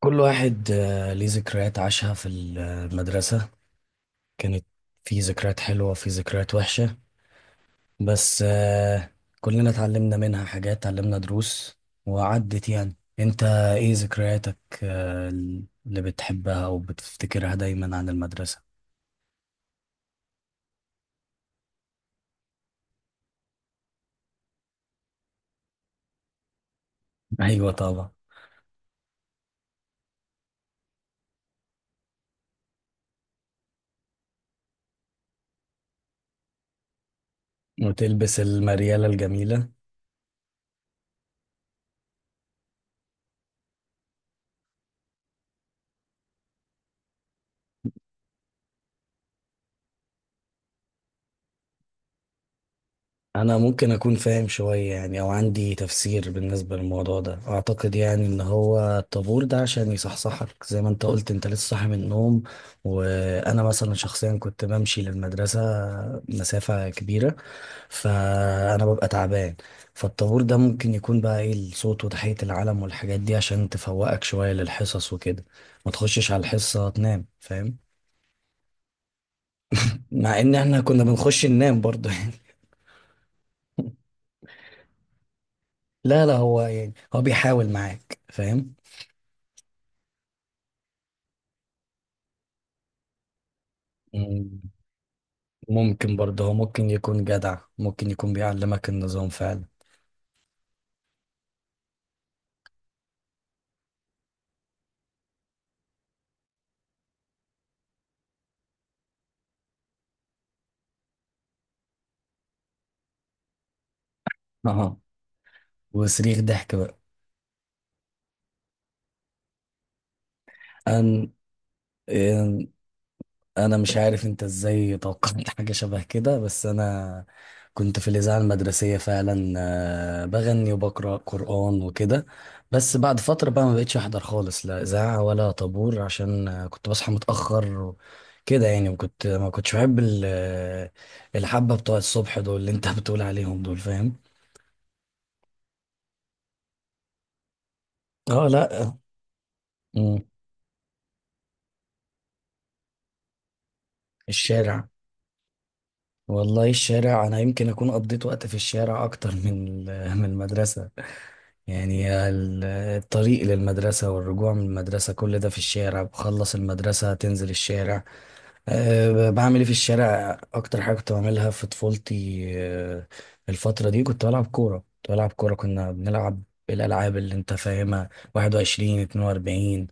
كل واحد ليه ذكريات عاشها في المدرسة كانت. في ذكريات حلوة وفي ذكريات وحشة. بس كلنا اتعلمنا منها حاجات، اتعلمنا دروس. وعدت يعني انت ايه ذكرياتك اللي بتحبها وبتفتكرها دايما عن المدرسة؟ ايوه طبعا. وتلبس المريالة الجميلة. انا ممكن اكون فاهم شوية يعني او عندي تفسير بالنسبة للموضوع ده. اعتقد يعني ان هو الطابور ده عشان يصحصحك زي ما انت قلت، انت لسه صاحي من النوم. وانا مثلا شخصيا كنت بمشي للمدرسة مسافة كبيرة، فانا ببقى تعبان. فالطابور ده ممكن يكون بقى ايه، الصوت وتحية العلم والحاجات دي عشان تفوقك شوية للحصص وكده، ما تخشش على الحصة تنام، فاهم؟ مع ان احنا كنا بنخش ننام برضه يعني. لا هو يعني هو بيحاول معاك، فاهم؟ مم. ممكن برضه، هو ممكن يكون جدع، ممكن يكون بيعلمك النظام فعلا. اها. وصريخ ضحك بقى. أن... أن... انا مش عارف انت ازاي توقعت حاجة شبه كده، بس انا كنت في الإذاعة المدرسية فعلا. بغني وبقرأ قرآن وكده. بس بعد فترة بقى ما بقتش أحضر خالص، لا إذاعة ولا طابور، عشان كنت بصحى متأخر كده يعني. وكنت ما كنتش بحب الحبة بتوع الصبح دول اللي انت بتقول عليهم دول، فاهم؟ اه لا. مم. الشارع. والله الشارع انا يمكن اكون قضيت وقت في الشارع اكتر من من المدرسه. يعني الطريق للمدرسه والرجوع من المدرسه كل ده في الشارع. بخلص المدرسه تنزل الشارع. أه بعمل ايه في الشارع؟ اكتر حاجه كنت بعملها في طفولتي أه الفتره دي كنت بلعب كوره. كنا بنلعب الالعاب اللي انت فاهمها، 21 42،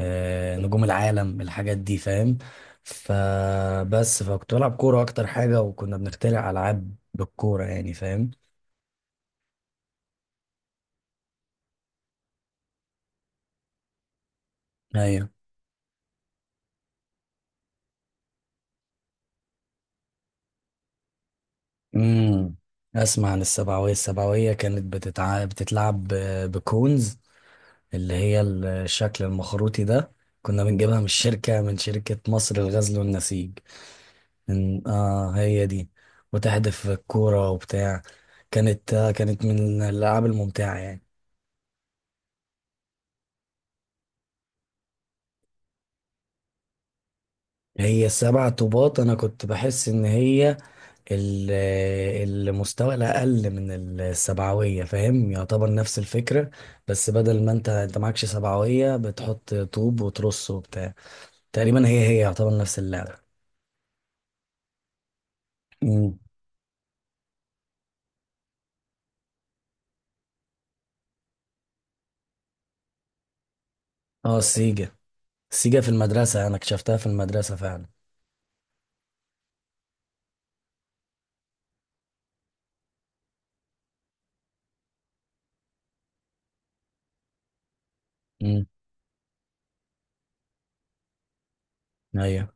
أه نجوم العالم، الحاجات دي فاهم؟ فبس فكنت بلعب كوره اكتر حاجه، وكنا بنخترع العاب بالكوره يعني، فاهم؟ ايوه. امم. اسمع عن السبعويه. السبعويه كانت بتتلعب بكونز، اللي هي الشكل المخروطي ده. كنا بنجيبها من الشركة، من شركة مصر للغزل والنسيج. إن آه هي دي. وتحدف الكورة وبتاع. كانت آه، كانت من الألعاب الممتعة يعني. هي سبع طوبات، أنا كنت بحس إن هي ال- المستوى الأقل من السبعوية، فاهم؟ يعتبر نفس الفكرة، بس بدل ما أنت معكش سبعوية بتحط طوب وترص وبتاع. تقريبا هي هي، يعتبر نفس اللعبة. مم. اه السيجا. سيجا في المدرسة أنا اكتشفتها في المدرسة فعلا. امم. أيوة.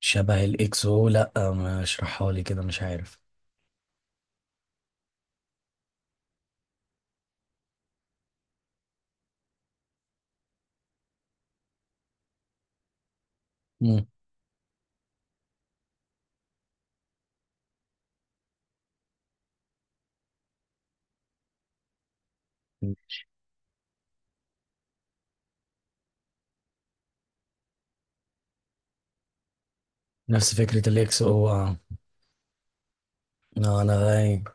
شبه الإكس أو؟ لأ، ما اشرحها لي كده، مش عارف. امم. نفس فكرة الإكس أو آه. آه، أنا غايب.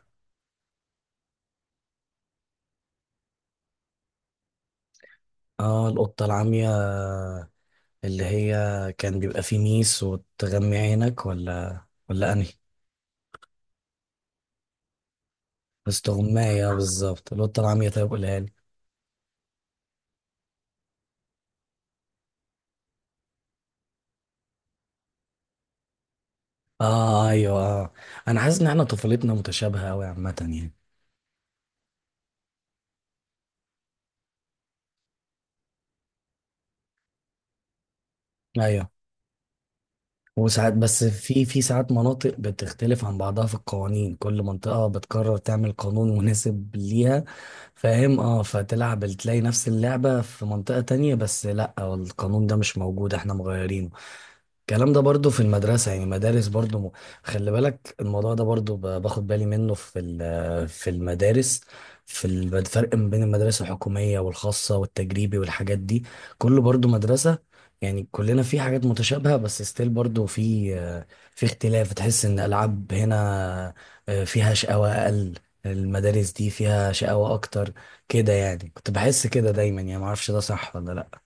آه القطة العمية، اللي هي كان بيبقى فيه ميس وتغمي عينك، ولا ولا أنهي؟ استغماية، بالظبط. القطة العمية، طيب قولها لي. آه أيوة آه. أنا حاسس إن إحنا طفولتنا متشابهة أوي عامة يعني. أيوة. وساعات، بس في ساعات مناطق بتختلف عن بعضها في القوانين، كل منطقة بتقرر تعمل قانون مناسب ليها، فاهم؟ اه، فتلعب تلاقي نفس اللعبة في منطقة تانية، بس لا، القانون ده مش موجود، احنا مغيرينه. الكلام ده برضو في المدرسة يعني، مدارس برضو خلي بالك الموضوع ده برضو باخد بالي منه في المدارس. في الفرق ما بين المدرسة الحكومية والخاصة والتجريبي والحاجات دي، كله برضو مدرسة. يعني كلنا في حاجات متشابهة، بس ستيل برضو في في اختلاف. تحس ان الألعاب هنا فيها شقاوة أقل، المدارس دي فيها شقاوة أكتر، كده يعني. كنت بحس كده دايما يعني، معرفش ده صح ولا لأ.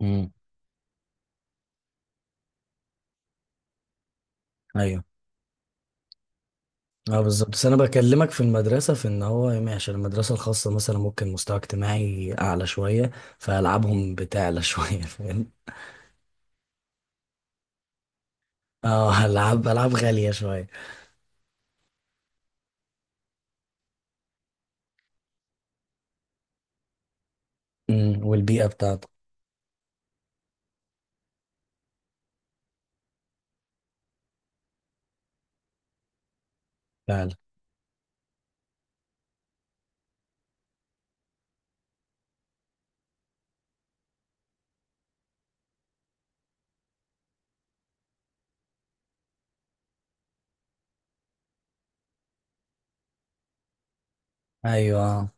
مم. أيوة. اه بالظبط. بس انا بكلمك في المدرسه، في ان هو يعني عشان المدرسه الخاصه مثلا ممكن مستوى اجتماعي اعلى شويه، فالعابهم بتعلى شويه، فاهم؟ اه العاب، العاب غاليه شويه. امم، والبيئه بتاعته. فعلا. ايوه.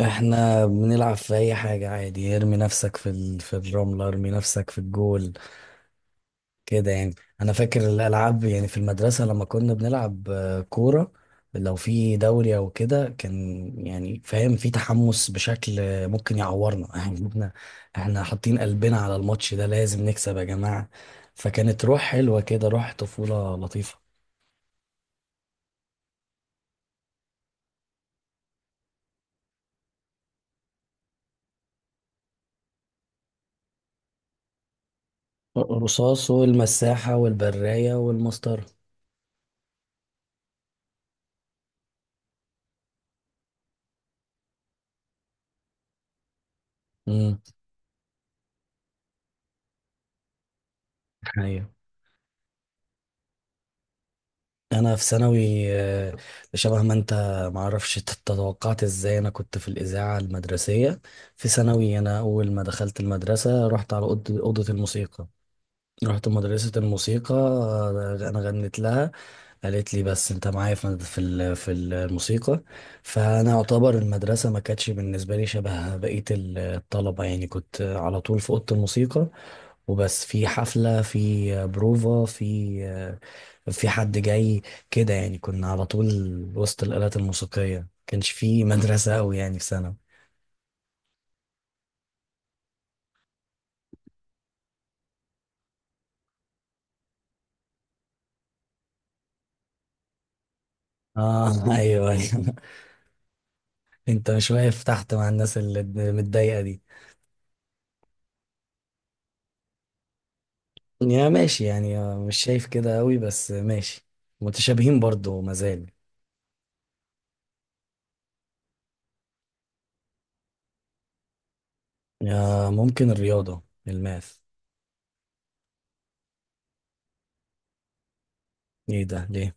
احنا بنلعب في اي حاجه عادي، ارمي نفسك في الرمله، ارمي نفسك في الجول، كده يعني. انا فاكر الالعاب يعني في المدرسه، لما كنا بنلعب كوره، لو في دوري او كده، كان يعني فاهم في تحمس بشكل ممكن يعورنا يعني. احنا احنا حاطين قلبنا على الماتش ده، لازم نكسب يا جماعه. فكانت روح حلوه كده، روح طفوله لطيفه. الرصاص والمساحه والبرايه والمسطره. امم. ايوه. انا في ثانوي شبه ما انت، معرفش تتوقعت ازاي. انا كنت في الاذاعه المدرسيه في ثانوي. انا اول ما دخلت المدرسه رحت على اوضه، أوضة الموسيقى، رحت مدرسه الموسيقى. انا غنيت لها، قالت لي بس انت معايا في في الموسيقى. فانا اعتبر المدرسه ما كانتش بالنسبه لي شبه بقيه الطلبه، يعني كنت على طول في اوضه الموسيقى. وبس في حفلة، في بروفا، في في حد جاي، كده يعني. كنا على طول وسط الآلات الموسيقية، كانش في مدرسة أوي يعني في سنة. اه ايوه. انت مش واقف تحت مع الناس اللي متضايقة دي. يا ماشي يعني، مش شايف كده أوي، بس ماشي. متشابهين برضو مازال. ممكن الرياضة، الماث. ايه ده ليه؟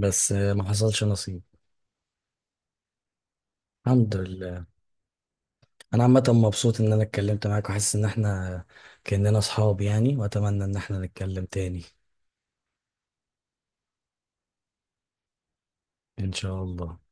بس ما حصلش نصيب. الحمد لله. انا عامه مبسوط ان انا اتكلمت معاك، وحاسس ان احنا كاننا اصحاب يعني، واتمنى ان احنا نتكلم تاني. ان شاء الله.